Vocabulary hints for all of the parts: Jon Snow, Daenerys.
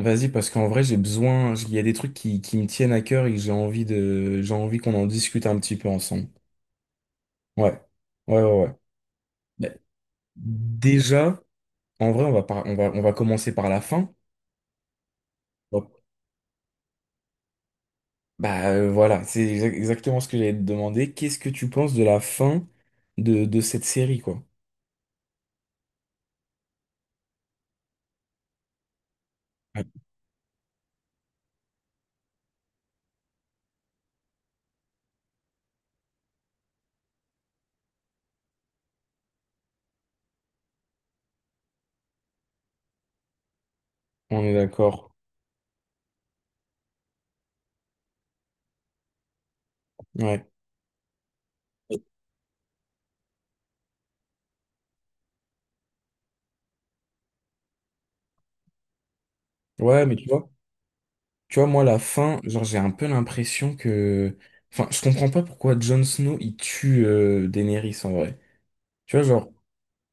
Vas-y, parce qu'en vrai, j'ai besoin, il y a des trucs qui me tiennent à cœur et que j'ai envie de, j'ai envie qu'on en discute un petit peu ensemble. Ouais. Ouais, ouais, ouais. Bah, déjà, en vrai, on va commencer par la fin. Bon. Bah, voilà, exactement ce que j'allais te demander. Qu'est-ce que tu penses de la fin de cette série, quoi? Ouais. On est d'accord. Ouais. Ouais, mais tu vois, moi, la fin, genre, j'ai un peu l'impression que, enfin, je comprends pas pourquoi Jon Snow, il tue Daenerys, en vrai. Tu vois, genre,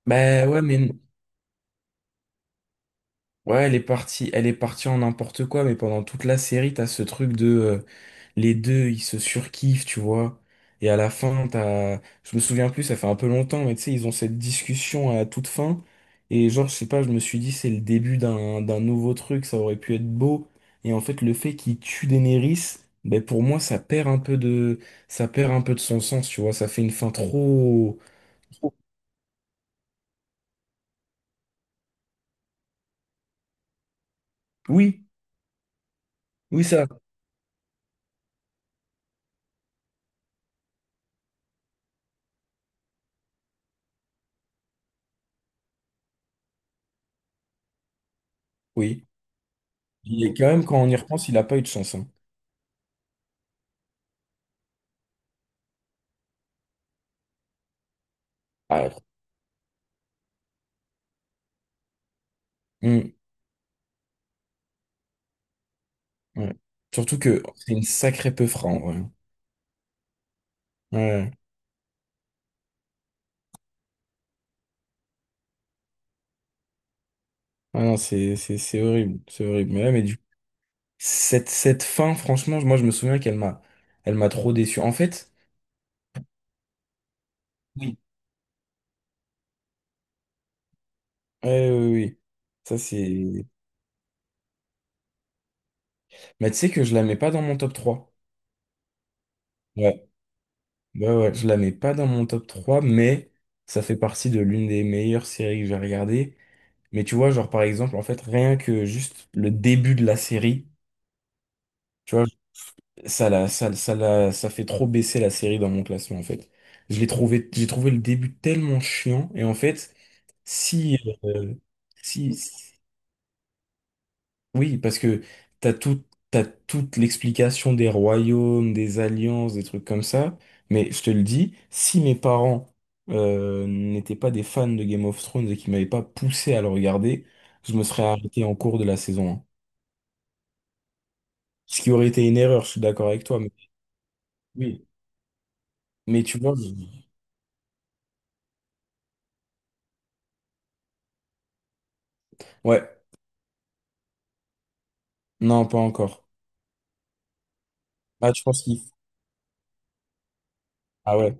bah ouais, mais ouais, elle est partie en n'importe quoi, mais pendant toute la série, t'as ce truc de les deux, ils se surkiffent, tu vois. Et à la fin, t'as, je me souviens plus, ça fait un peu longtemps, mais tu sais, ils ont cette discussion à toute fin. Et genre, je sais pas, je me suis dit, c'est le début d'un nouveau truc, ça aurait pu être beau. Et en fait, le fait qu'ils tuent Daenerys, ben pour moi, ça perd un peu de, ça perd un peu de son sens, tu vois. Ça fait une fin trop, trop- oui, oui ça, oui. Il est quand même, quand on y repense, il a pas eu de chance, hein. Ah, hmm, ouais. Surtout que c'est une sacrée peu en vrai. Ouais. Ah non, c'est horrible, c'est horrible. Mais là, mais du cette, cette fin, franchement, moi je me souviens qu'elle m'a elle m'a trop déçu. En fait, oui, ouais, oui, oui. Ça c'est. Mais tu sais que je la mets pas dans mon top trois. Ouais, ouais, ouais, je la mets pas dans mon top trois, mais ça fait partie de l'une des meilleures séries que j'ai regardées. Mais tu vois, genre par exemple, en fait, rien que juste le début de la série. Tu vois, ça, ça, ça fait trop baisser la série dans mon classement, en fait. J'ai trouvé le début tellement chiant. Et en fait, si, euh, si, si- oui, parce que t'as tout, t'as toute l'explication des royaumes, des alliances, des trucs comme ça. Mais je te le dis, si mes parents, n'étaient pas des fans de Game of Thrones et qu'ils m'avaient pas poussé à le regarder, je me serais arrêté en cours de la saison un. Ce qui aurait été une erreur, je suis d'accord avec toi. Mais, oui. Mais tu vois, je- ouais, non, pas encore. Ah, je pense qu'il... Ah ouais.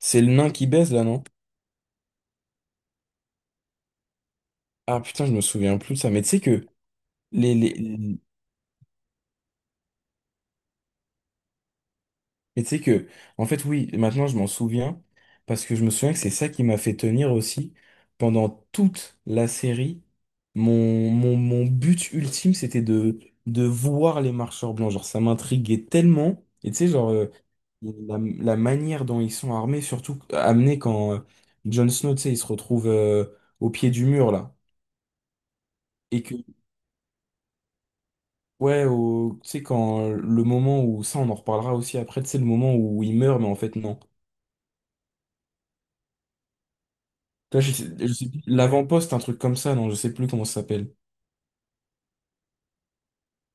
C'est le nain qui baise, là, non? Ah putain, je me souviens plus de ça. Mais tu sais que... Les, les... les- mais tu sais que... En fait, oui, maintenant, je m'en souviens. Parce que je me souviens que c'est ça qui m'a fait tenir aussi. Pendant toute la série, mon but ultime, c'était de voir les marcheurs blancs. Genre, ça m'intriguait tellement. Et tu sais, genre, la manière dont ils sont armés, surtout amenés quand Jon Snow, tu sais, il se retrouve au pied du mur, là, et ouais, tu sais, quand le moment où, ça on en reparlera aussi après, tu sais, le moment où il meurt, mais en fait non. Toi, je sais plus, l'avant-poste, un truc comme ça, non, je sais plus comment ça s'appelle.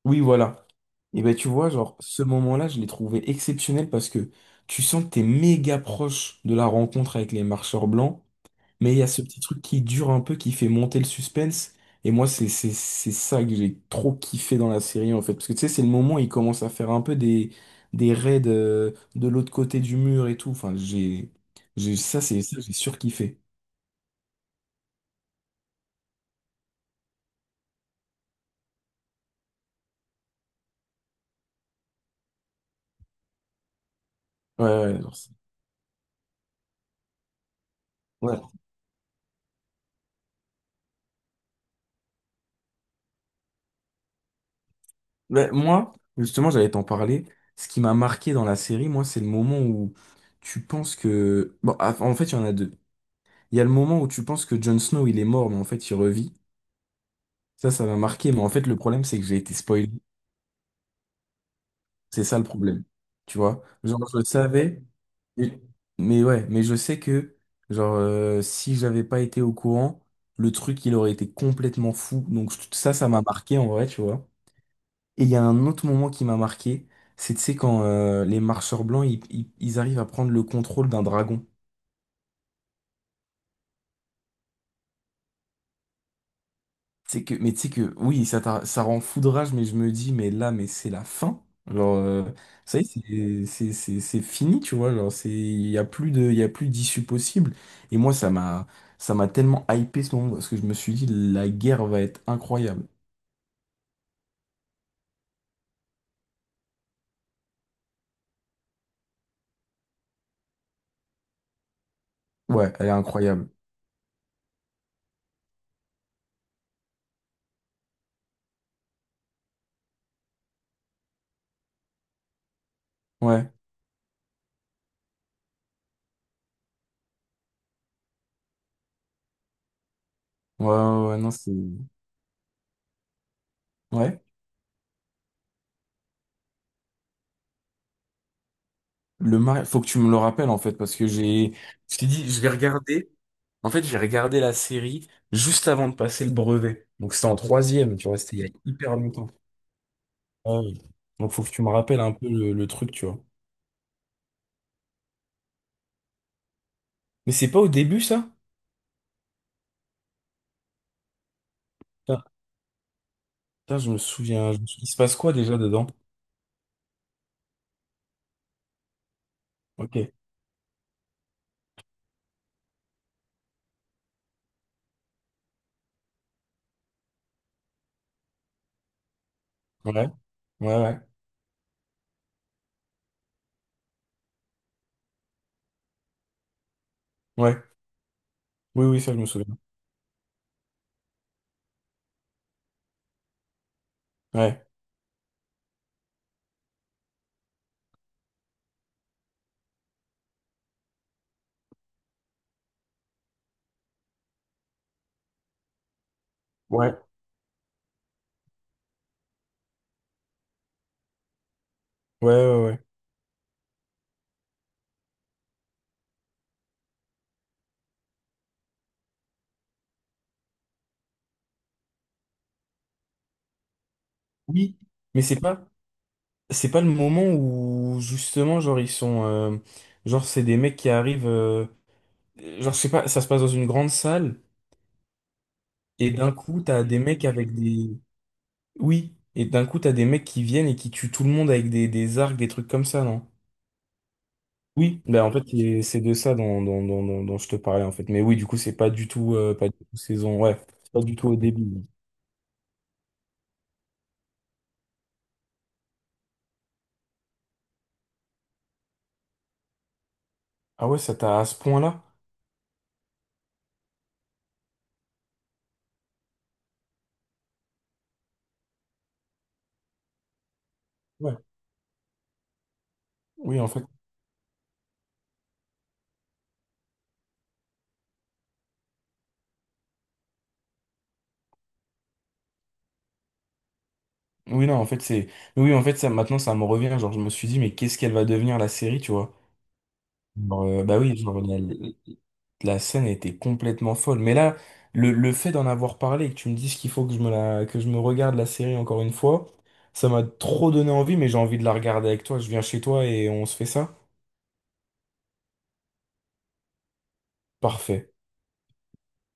Oui, voilà. Et ben tu vois, genre, ce moment-là, je l'ai trouvé exceptionnel parce que tu sens que t'es méga proche de la rencontre avec les marcheurs blancs. Mais il y a ce petit truc qui dure un peu, qui fait monter le suspense. Et moi, c'est ça que j'ai trop kiffé dans la série, en fait. Parce que tu sais, c'est le moment où il commence à faire un peu des raids de l'autre côté du mur et tout. Enfin, j'ai, ça, c'est ça, j'ai surkiffé. Ouais, ouais, ouais. Ouais, moi, justement, j'allais t'en parler. Ce qui m'a marqué dans la série, moi, c'est le moment où tu penses que. Bon, ah, en fait, il y en a deux. Il y a le moment où tu penses que Jon Snow, il est mort, mais en fait, il revit. Ça m'a marqué, mais en fait, le problème, c'est que j'ai été spoilé. C'est ça le problème. Tu vois? Genre, je savais, mais mais ouais, mais je sais que, genre, si j'avais pas été au courant, le truc, il aurait été complètement fou. Donc, ça, ça m'a marqué en vrai, tu vois? Et il y a un autre moment qui m'a marqué, c'est, tu sais, quand les marcheurs blancs, ils arrivent à prendre le contrôle d'un dragon. C'est que, mais tu sais que, oui, ça, ça rend fou de rage, mais je me dis, mais là, mais c'est la fin. Genre, ça y est, c'est fini, tu vois. Genre, c'est, il y a plus de, il y a plus d'issue possible. Et moi, ça m'a tellement hypé ce moment, parce que je me suis dit, la guerre va être incroyable. Ouais, elle est incroyable. Ouais, ouais, ouais, ouais, ouais, non, c'est, ouais. Le mari, faut que tu me le rappelles, en fait, parce que j'ai, je t'ai dit, je vais regarder. En fait, j'ai regardé la série juste avant de passer le brevet. Donc, c'était en troisième, tu vois, c'était il y a hyper longtemps. Ah oui. Donc faut que tu me rappelles un peu le truc, tu vois. Mais c'est pas au début, ça? Putain, putain, je me souviens. Il se passe quoi déjà dedans? Ok. Ouais. Ouais, ouais. Ouais. Oui, oui, ça, je me souviens. Ouais. Ouais. Ouais, ouais, ouais. Oui. Mais c'est pas le moment où, justement, genre, ils sont, genre, c'est des mecs qui arrivent, genre, je sais pas, ça se passe dans une grande salle, et d'un coup, t'as des mecs avec des, oui, et d'un coup, t'as des mecs qui viennent et qui tuent tout le monde avec des arcs, des trucs comme ça, non? Oui, ben en fait c'est de ça dont je te parlais en fait. Mais oui, du coup c'est pas du tout pas du tout saison, ouais, c'est pas du tout au début. Ah ouais, ça t'a à ce point-là? Ouais. Oui en fait, oui non en fait c'est, oui en fait ça maintenant ça me revient. Genre je me suis dit mais qu'est-ce qu'elle va devenir la série, tu vois? Genre, bah oui, la scène était complètement folle. Mais là le fait d'en avoir parlé et que tu me dises qu'il faut que je me la que je me regarde la série encore une fois, ça m'a trop donné envie. Mais j'ai envie de la regarder avec toi. Je viens chez toi et on se fait ça. Parfait.